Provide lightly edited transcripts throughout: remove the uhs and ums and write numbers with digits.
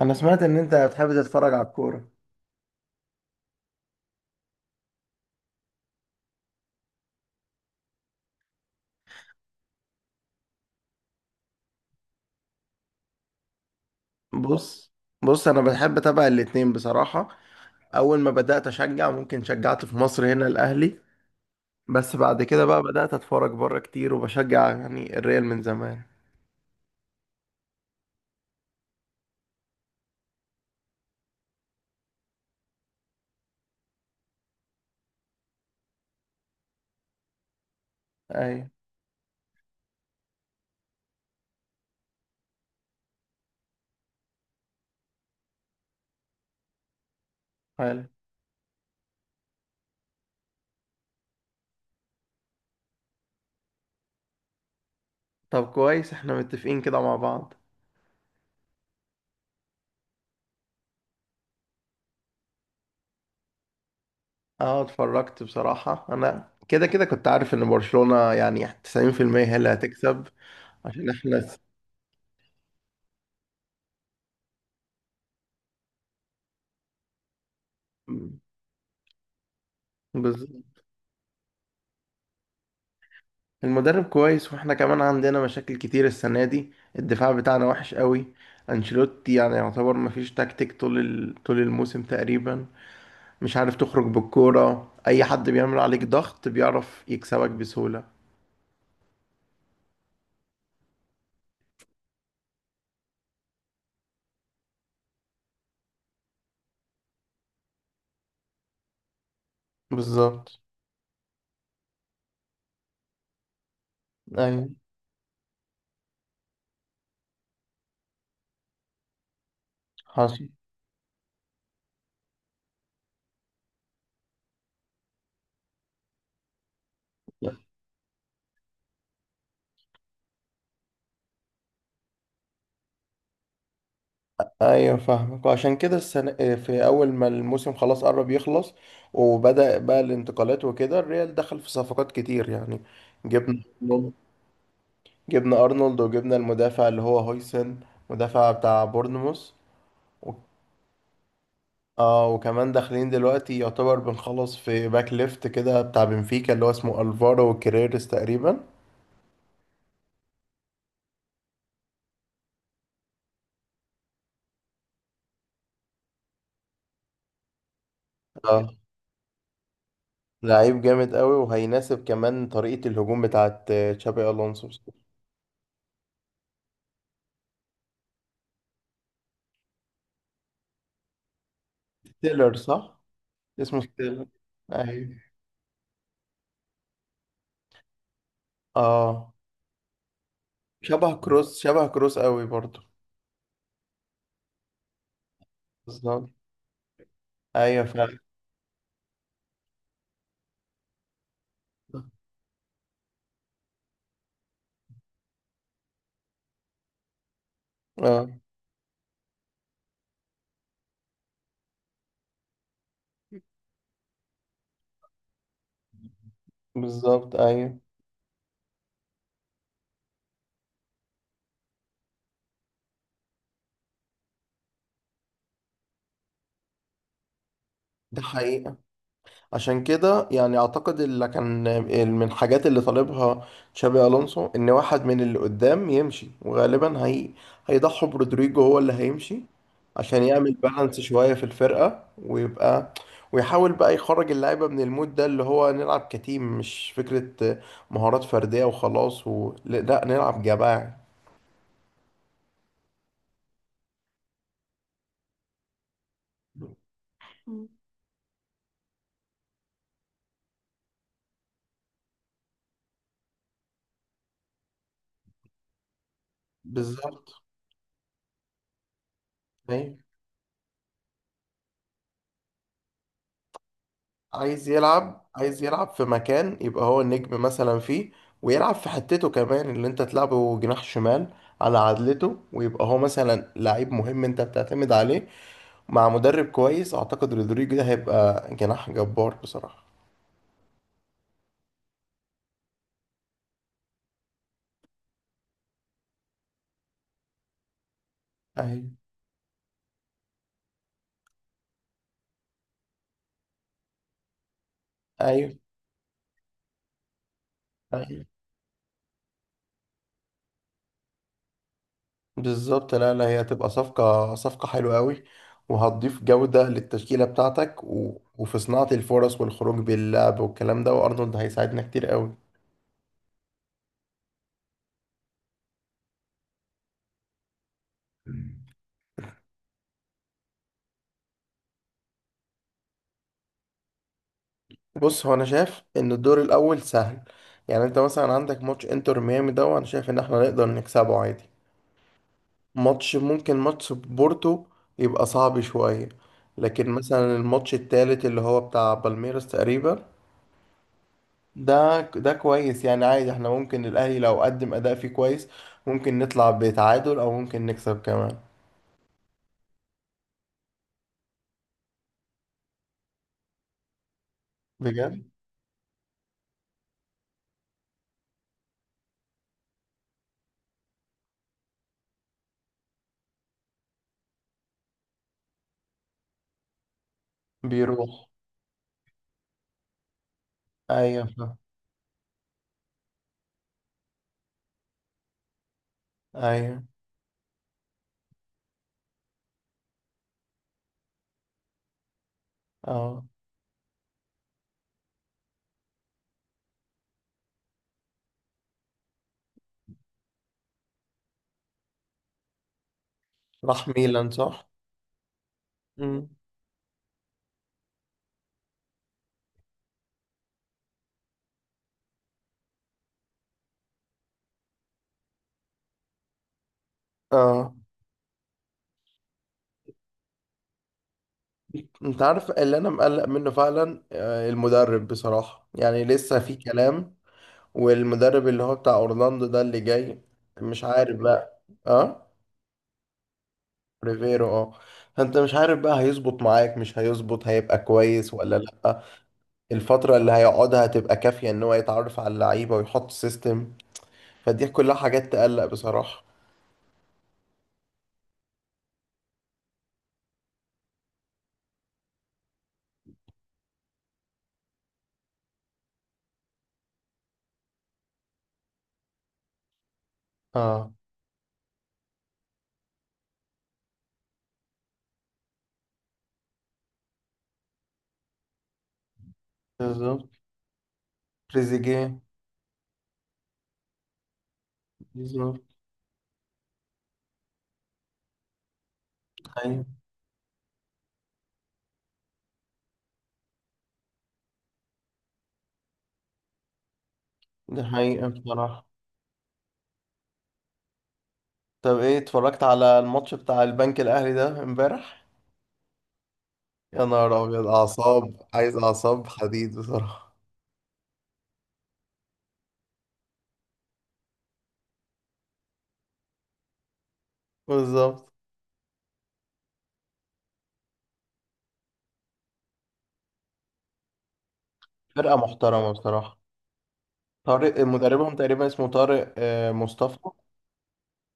انا سمعت ان انت بتحب تتفرج على الكوره. بص، بص انا بحب اتابع الاتنين بصراحه. اول ما بدات اشجع ممكن شجعت في مصر هنا الاهلي، بس بعد كده بقى بدات اتفرج بره كتير وبشجع الريال من زمان. ايوه. حلو. طب كويس احنا متفقين كده مع بعض. اه اتفرجت بصراحه، انا كده كده كنت عارف ان برشلونه يعني 90% هي اللي هتكسب، عشان احنا. س- المدرب كويس واحنا كمان عندنا مشاكل كتير السنة دي. الدفاع بتاعنا وحش قوي. انشيلوتي يعتبر مفيش تكتيك طول طول الموسم تقريبا. مش عارف تخرج بالكورة، اي حد بيعمل عليك ضغط بيعرف يكسبك بسهولة. بالظبط. ايوه. حصل. ايوه فاهمك، وعشان كده السنة في اول ما الموسم خلاص قرب يخلص وبدأ بقى الانتقالات وكده، الريال دخل في صفقات كتير جبنا، جبنا ارنولد وجبنا المدافع اللي هو هويسن، مدافع بتاع بورنموث و- اه. وكمان داخلين دلوقتي يعتبر بنخلص في باك ليفت كده بتاع بنفيكا اللي هو اسمه الفارو كريرس تقريبا. اه، لعيب جامد قوي وهيناسب كمان طريقة الهجوم بتاعت تشابي الونسو. ستيلر صح، اسمه ستيلر. ايوه. اه، شبه كروس، شبه كروس قوي برضه. بالظبط. ايوه فعلا. اه بالظبط. ايوه. ده حقيقة، عشان كده يعني اعتقد اللي كان من الحاجات اللي طالبها تشابي الونسو ان واحد من اللي قدام يمشي، وغالبا هي هيضحوا برودريجو، هو اللي هيمشي، عشان يعمل بالانس شوية في الفرقة ويبقى، ويحاول بقى يخرج اللعيبة من المود ده اللي هو نلعب كتيم، مش فكرة مهارات فردية وخلاص لا نلعب جماعي. بالظبط. أيوه. عايز يلعب، عايز يلعب في مكان يبقى هو النجم مثلا فيه، ويلعب في حتته كمان اللي انت تلعبه جناح شمال على عدلته، ويبقى هو مثلا لعيب مهم انت بتعتمد عليه. مع مدرب كويس اعتقد رودريجو ده هيبقى جناح جبار بصراحة. ايوه. ايوه. ايوه. بالظبط، لا لا، هي هتبقى صفقة، صفقة حلوة قوي وهتضيف جودة للتشكيلة بتاعتك وفي صناعة الفرص والخروج باللعب والكلام ده، وارنولد هيساعدنا كتير قوي. بص، هو انا شايف ان الدور الاول سهل. يعني انت مثلا عندك ماتش انتر ميامي ده، وانا شايف ان احنا نقدر نكسبه عادي. ماتش، ممكن ماتش بورتو يبقى صعب شوية. لكن مثلا الماتش التالت اللي هو بتاع بالميراس تقريبا، ده ده كويس. يعني عادي احنا ممكن الاهلي لو قدم اداء فيه كويس ممكن نطلع بتعادل او ممكن نكسب كمان. بجد. بيروح. ايوه فاهم. ايوه. اه. راح ميلان صح. مم. اه. انت عارف اللي انا مقلق منه فعلا، المدرب بصراحة، يعني لسه في كلام. والمدرب اللي هو بتاع اورلاندو ده اللي جاي، مش عارف، ريفيرا بقى، اه ريفيرو، اه. فانت مش عارف بقى هيظبط معاك، مش هيظبط، هيبقى كويس ولا لا. الفترة اللي هيقعدها هتبقى كافية ان هو يتعرف على اللعيبة ويحط سيستم؟ فدي كلها حاجات تقلق بصراحة. اه. بالظبط. تريزيجيه. بالظبط. ايوه. ده حقيقة بصراحة. طب ايه، اتفرجت على الماتش بتاع البنك الاهلي ده امبارح؟ يا نهار ابيض، اعصاب، عايز اعصاب حديد بصراحه. بالظبط. فرقه محترمه بصراحه. طارق مدربهم تقريبا، اسمه طارق مصطفى.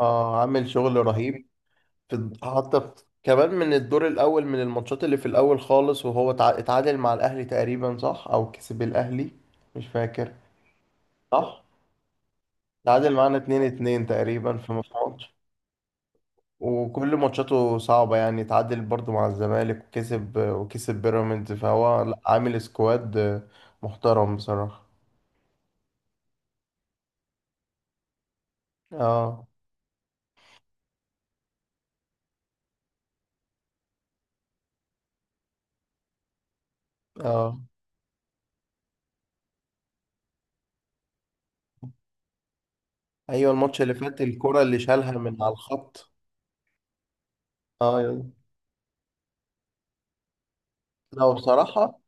اه، عامل شغل رهيب. في، حتى كمان من الدور الاول، من الماتشات اللي في الاول خالص وهو اتعادل مع الاهلي تقريبا، صح؟ او كسب الاهلي، مش فاكر. صح، اتعادل معانا 2-2 تقريبا في ماتش. وكل ماتشاته صعبة، يعني اتعادل برضو مع الزمالك وكسب، وكسب بيراميدز، فهو لأ، عامل سكواد محترم بصراحة. اه. اه. ايوه، الماتش اللي فات الكرة اللي شالها من على الخط. اه. يلا. لا بصراحة،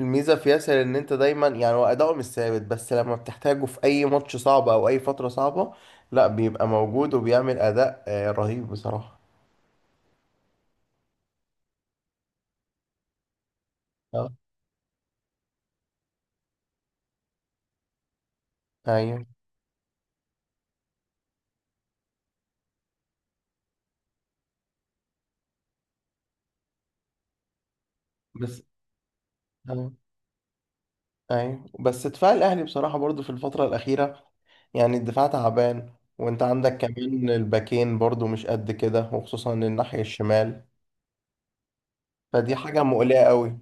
الميزة في ياسر ان انت دايما، يعني هو اداؤه مش ثابت بس لما بتحتاجه في اي ماتش صعب او اي فترة صعبة، لا بيبقى موجود وبيعمل اداء رهيب بصراحة. اه. ايوه. بس آه. ايوه بس دفاع الاهلي بصراحه برضو في الفتره الاخيره، يعني الدفاع تعبان، وانت عندك كمان الباكين برضو مش قد كده، وخصوصا الناحيه الشمال. فدي حاجه مقلقه قوي.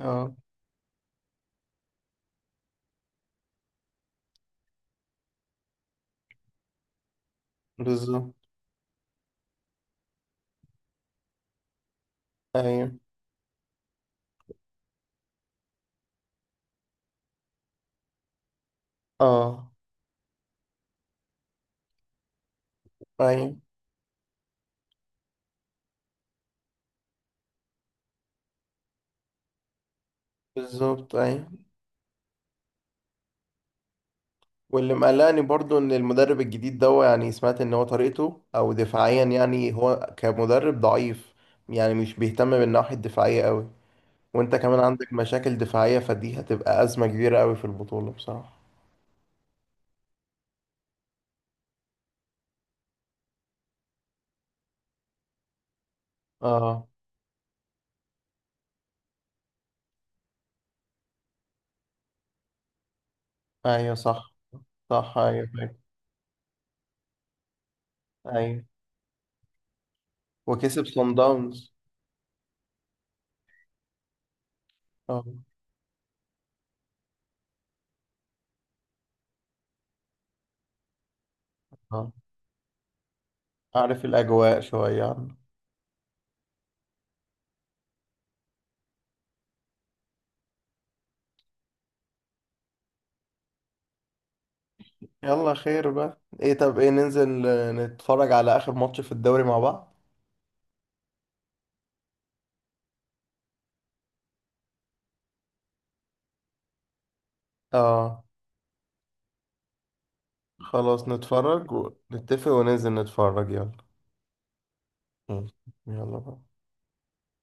اه. بالظبط. ايوه. اه. ايوه. بالظبط. ايوه. واللي مقلقني برضو ان المدرب الجديد ده، يعني سمعت ان هو طريقته او دفاعيا يعني هو كمدرب ضعيف، يعني مش بيهتم بالناحيه الدفاعيه قوي، وانت كمان عندك مشاكل دفاعيه، فدي هتبقى ازمه كبيره قوي في البطوله بصراحه. اه. ايوه صح. صح ايوه فاكر. ايوه وكسب صن داونز. اه. اه، عارف الاجواء شويه عنه. يلا خير بقى. ايه طب، ايه ننزل نتفرج على اخر ماتش في الدوري مع بعض؟ اه. خلاص نتفرج ونتفق وننزل نتفرج، يلا. مم. يلا بقى.